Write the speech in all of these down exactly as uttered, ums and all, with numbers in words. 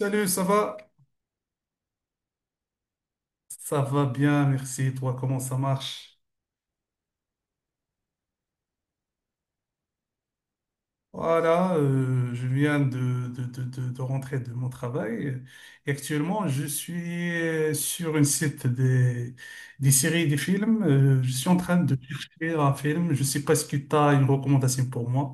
Salut, ça va? Ça va bien, merci. Toi, comment ça marche? Voilà, euh, je viens de, de, de, de, de rentrer de mon travail et actuellement, je suis euh, sur une site des, des séries et des films. Euh, je suis en train de chercher un film. Je ne sais pas ce que tu as une recommandation pour moi.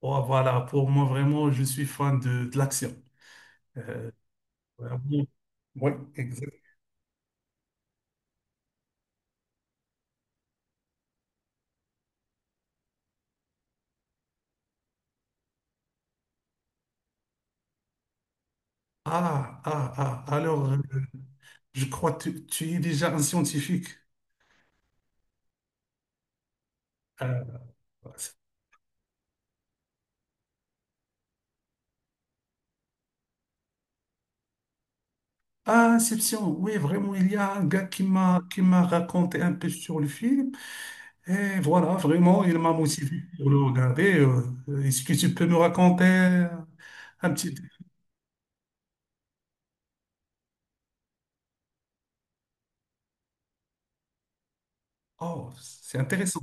Oh, voilà, pour moi, vraiment, je suis fan de, de l'action. Euh, vraiment. Oui, exact. Ah, ah, ah, alors, euh, je crois que tu, tu es déjà un scientifique. Ah, Inception, oui, vraiment, il y a un gars qui m'a qui m'a raconté un peu sur le film. Et voilà, vraiment, il m'a motivé pour le regarder. Euh, Est-ce que tu peux me raconter un petit... Oh, c'est intéressant.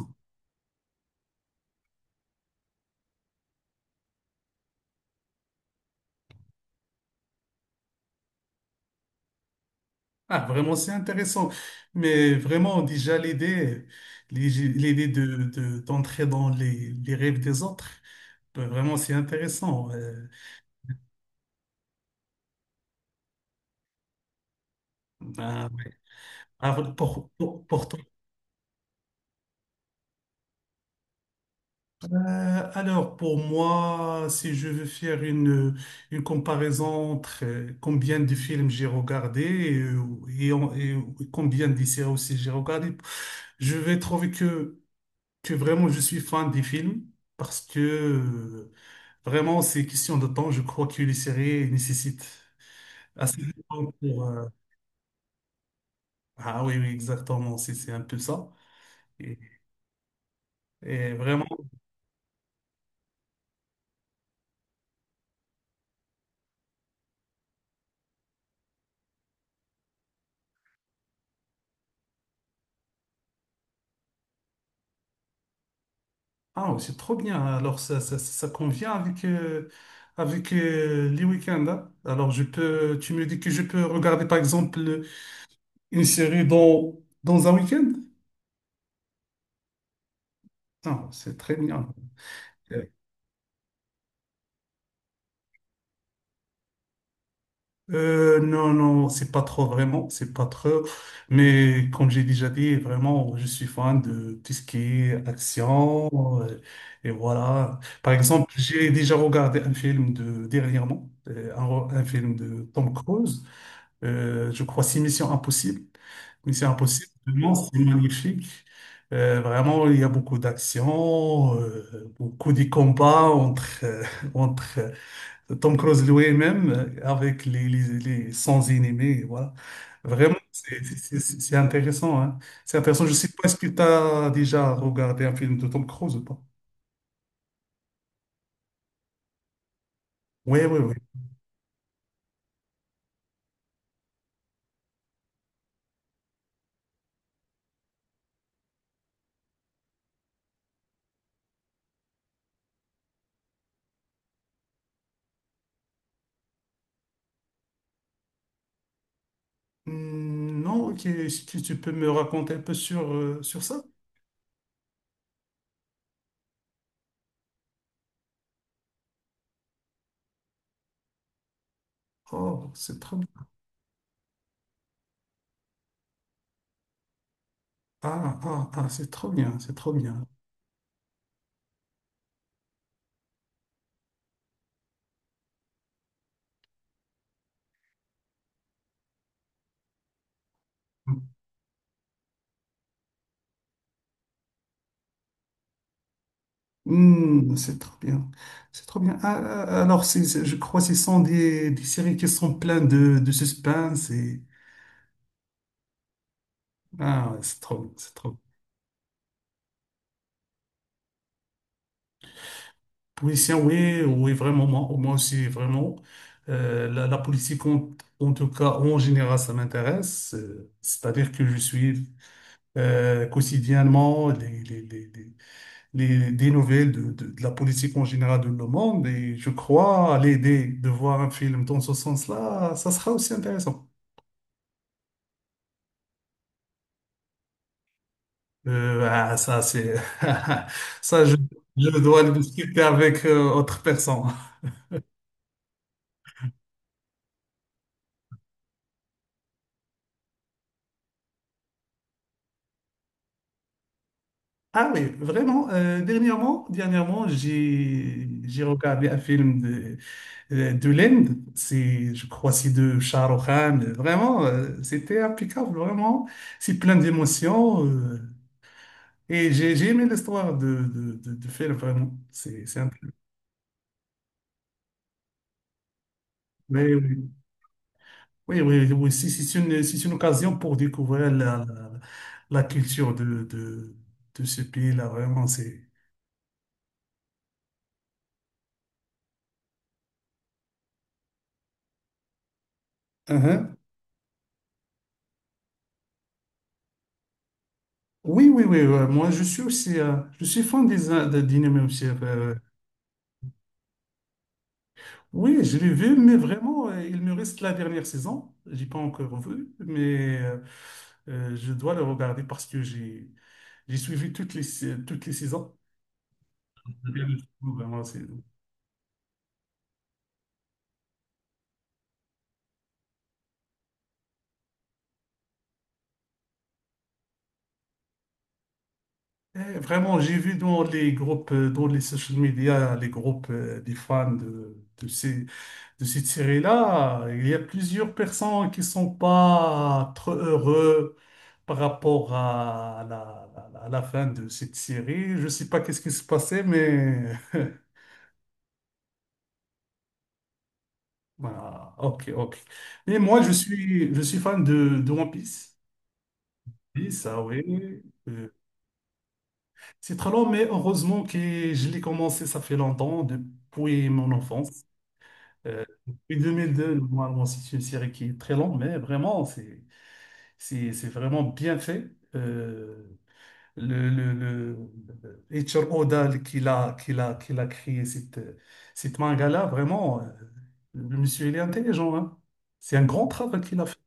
Ah, vraiment, c'est intéressant. Mais vraiment, déjà, l'idée, l'idée l'idée de, de- d'entrer dans les, les rêves des autres, ben, vraiment, c'est intéressant. Euh, ben, ouais. Ah, pour, pour, pour toi. Euh, alors, pour moi, si je veux faire une, une comparaison entre euh, combien de films j'ai regardé et, euh, et en- et combien de séries aussi j'ai regardé, je vais trouver que, que vraiment je suis fan des films parce que euh, vraiment c'est question de temps. Je crois que les séries nécessitent assez de temps pour. euh, Ah oui, oui, exactement, c'est c'est un peu ça. Et, et vraiment, Ah, c'est trop bien. Alors, ça, ça, ça convient avec, euh, avec euh, les week-ends, hein. Alors, je peux, tu me dis que je peux regarder, par exemple, une série dans, dans un week-end? Non, c'est très bien. Euh, non, non, c'est pas trop vraiment, c'est pas trop. Mais comme j'ai déjà dit, vraiment, je suis fan de tout ce qui est action. Euh, et voilà. Par exemple, j'ai déjà regardé un film de dernièrement, euh, un, un film de Tom Cruise. Euh, je crois, c'est Mission Impossible. Mission Impossible, vraiment, oh, c'est magnifique. Euh, vraiment, il y a beaucoup d'action, euh, beaucoup de combats entre, euh, entre euh, Tom Cruise lui-même euh, avec les, les, les- sans ennemis. Voilà. Vraiment, c'est c'est- c'est- c'est intéressant, hein. C'est intéressant. Je ne sais pas, est-ce que tu as déjà regardé un film de Tom Cruise ou pas? Oui, oui, oui. Hmm, non, ok. Est-ce tu tu peux me raconter un peu sur, euh, sur ça? Oh, c'est trop bien. Ah, ah, ah, c'est trop bien, c'est trop bien. Hmm, c'est trop bien, c'est trop bien. Ah, ah, alors, c'est, c'est- je crois que ce sont des, des séries qui sont pleines de, de suspense et... Ah, ouais, c'est trop, c'est trop. Policier, oui, oui, vraiment, moi, moi aussi, vraiment. Euh, la, la politique, en, en tout cas, en général, ça m'intéresse. Euh, C'est-à-dire que je suis euh, quotidiennement les, des nouvelles de, de, de la politique en général de le monde. Et je crois l'idée de voir un film dans ce sens-là, ça sera aussi intéressant. Euh, ah, ça, c'est... Ça, je, je dois le discuter avec euh, autre personne. Ah oui, vraiment, euh, dernièrement, dernièrement, j'ai j'ai regardé un film de, euh, de l'Inde, c'est, je crois, c'est de Shah Rukh Khan. Vraiment, euh, c'était impeccable, vraiment. C'est plein d'émotions. euh, Et j'ai j'ai aimé l'histoire de, de, de, de faire vraiment. C'est c'est un peu- Oui, oui, oui, oui, oui. Si- si c'est une, si c'est une occasion pour découvrir la, la, la culture de, de, de ce pays-là, vraiment, c'est... uh Oui, oui, oui, ouais. Moi, je suis aussi, euh, je suis fan des, des d'Inhumés aussi. Euh, oui, je l'ai vu, mais vraiment, euh, il me reste la dernière saison. J'ai pas encore vu, mais euh, euh, je dois le regarder parce que j'ai j'ai suivi toutes les, toutes les saisons. Bien, je trouve, vraiment, c'est... Eh, vraiment, j'ai vu dans les groupes, euh, dans les social media, les groupes euh, des fans de, de ces, de cette série-là, il y a plusieurs personnes qui sont pas trop heureux par rapport à la, à la fin de cette série. Je sais pas qu'est-ce qui se passait, mais voilà, ok, ok. Mais moi, je suis, je suis fan de, de One Piece. Oui, ça, oui. Euh, C'est très long, mais heureusement que je l'ai commencé, ça fait longtemps, depuis mon enfance. Euh, depuis deux mille deux, normalement, c'est une série qui est très longue, mais vraiment, c'est, c'est, c'est vraiment bien fait. Euh, le, le, le Eiichiro Oda qui l'a, qui l'a, qui l'a créé, cette, cette manga-là, vraiment, euh, le monsieur, il est intelligent, hein. C'est un grand travail qu'il a fait.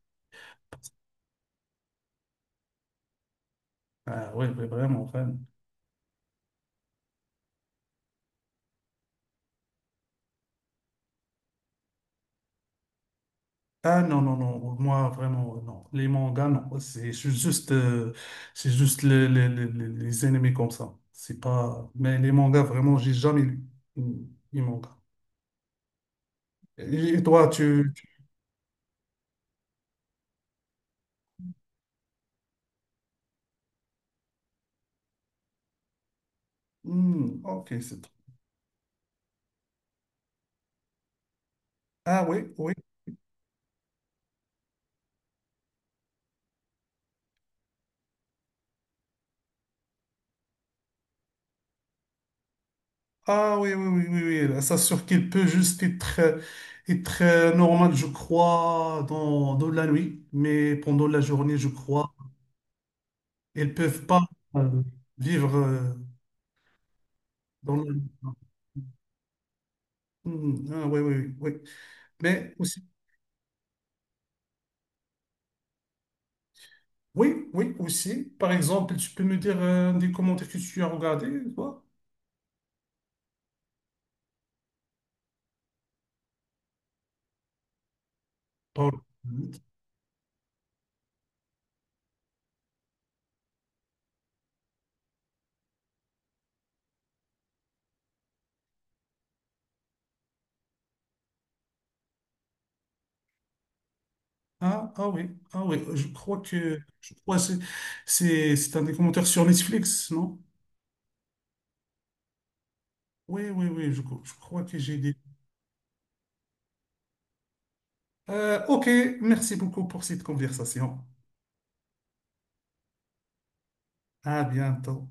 Ah, oui, vraiment, vraiment. Ah non, non, non, moi vraiment, euh, non. Les mangas, non. C'est c'est juste, euh, c'est juste les, les, les, les les animés comme ça. C'est pas... Mais les mangas, vraiment, j'ai jamais lu mm, les mangas. Et et toi, tu... tu- Hmm, ok, c'est... tout. Ah oui, oui. Ah oui, oui, oui, oui, oui. Ça sûr qu'il peut juste être, euh, être euh, normal, je crois, dans, dans la nuit. Mais pendant la journée, je crois, ils peuvent pas euh, vivre euh, dans la nuit. Hmm, ah oui, oui, oui. Mais aussi, oui, oui, aussi. Par exemple, tu peux me dire euh, des commentaires que tu as regardés, toi? Par- Ah, ah oui, ah oui, je crois que je crois que c'est c'est c'est un des commentaires sur Netflix, non? Oui, oui, oui, je, crois- je crois que j'ai des. Euh, ok, merci beaucoup pour cette conversation. À bientôt.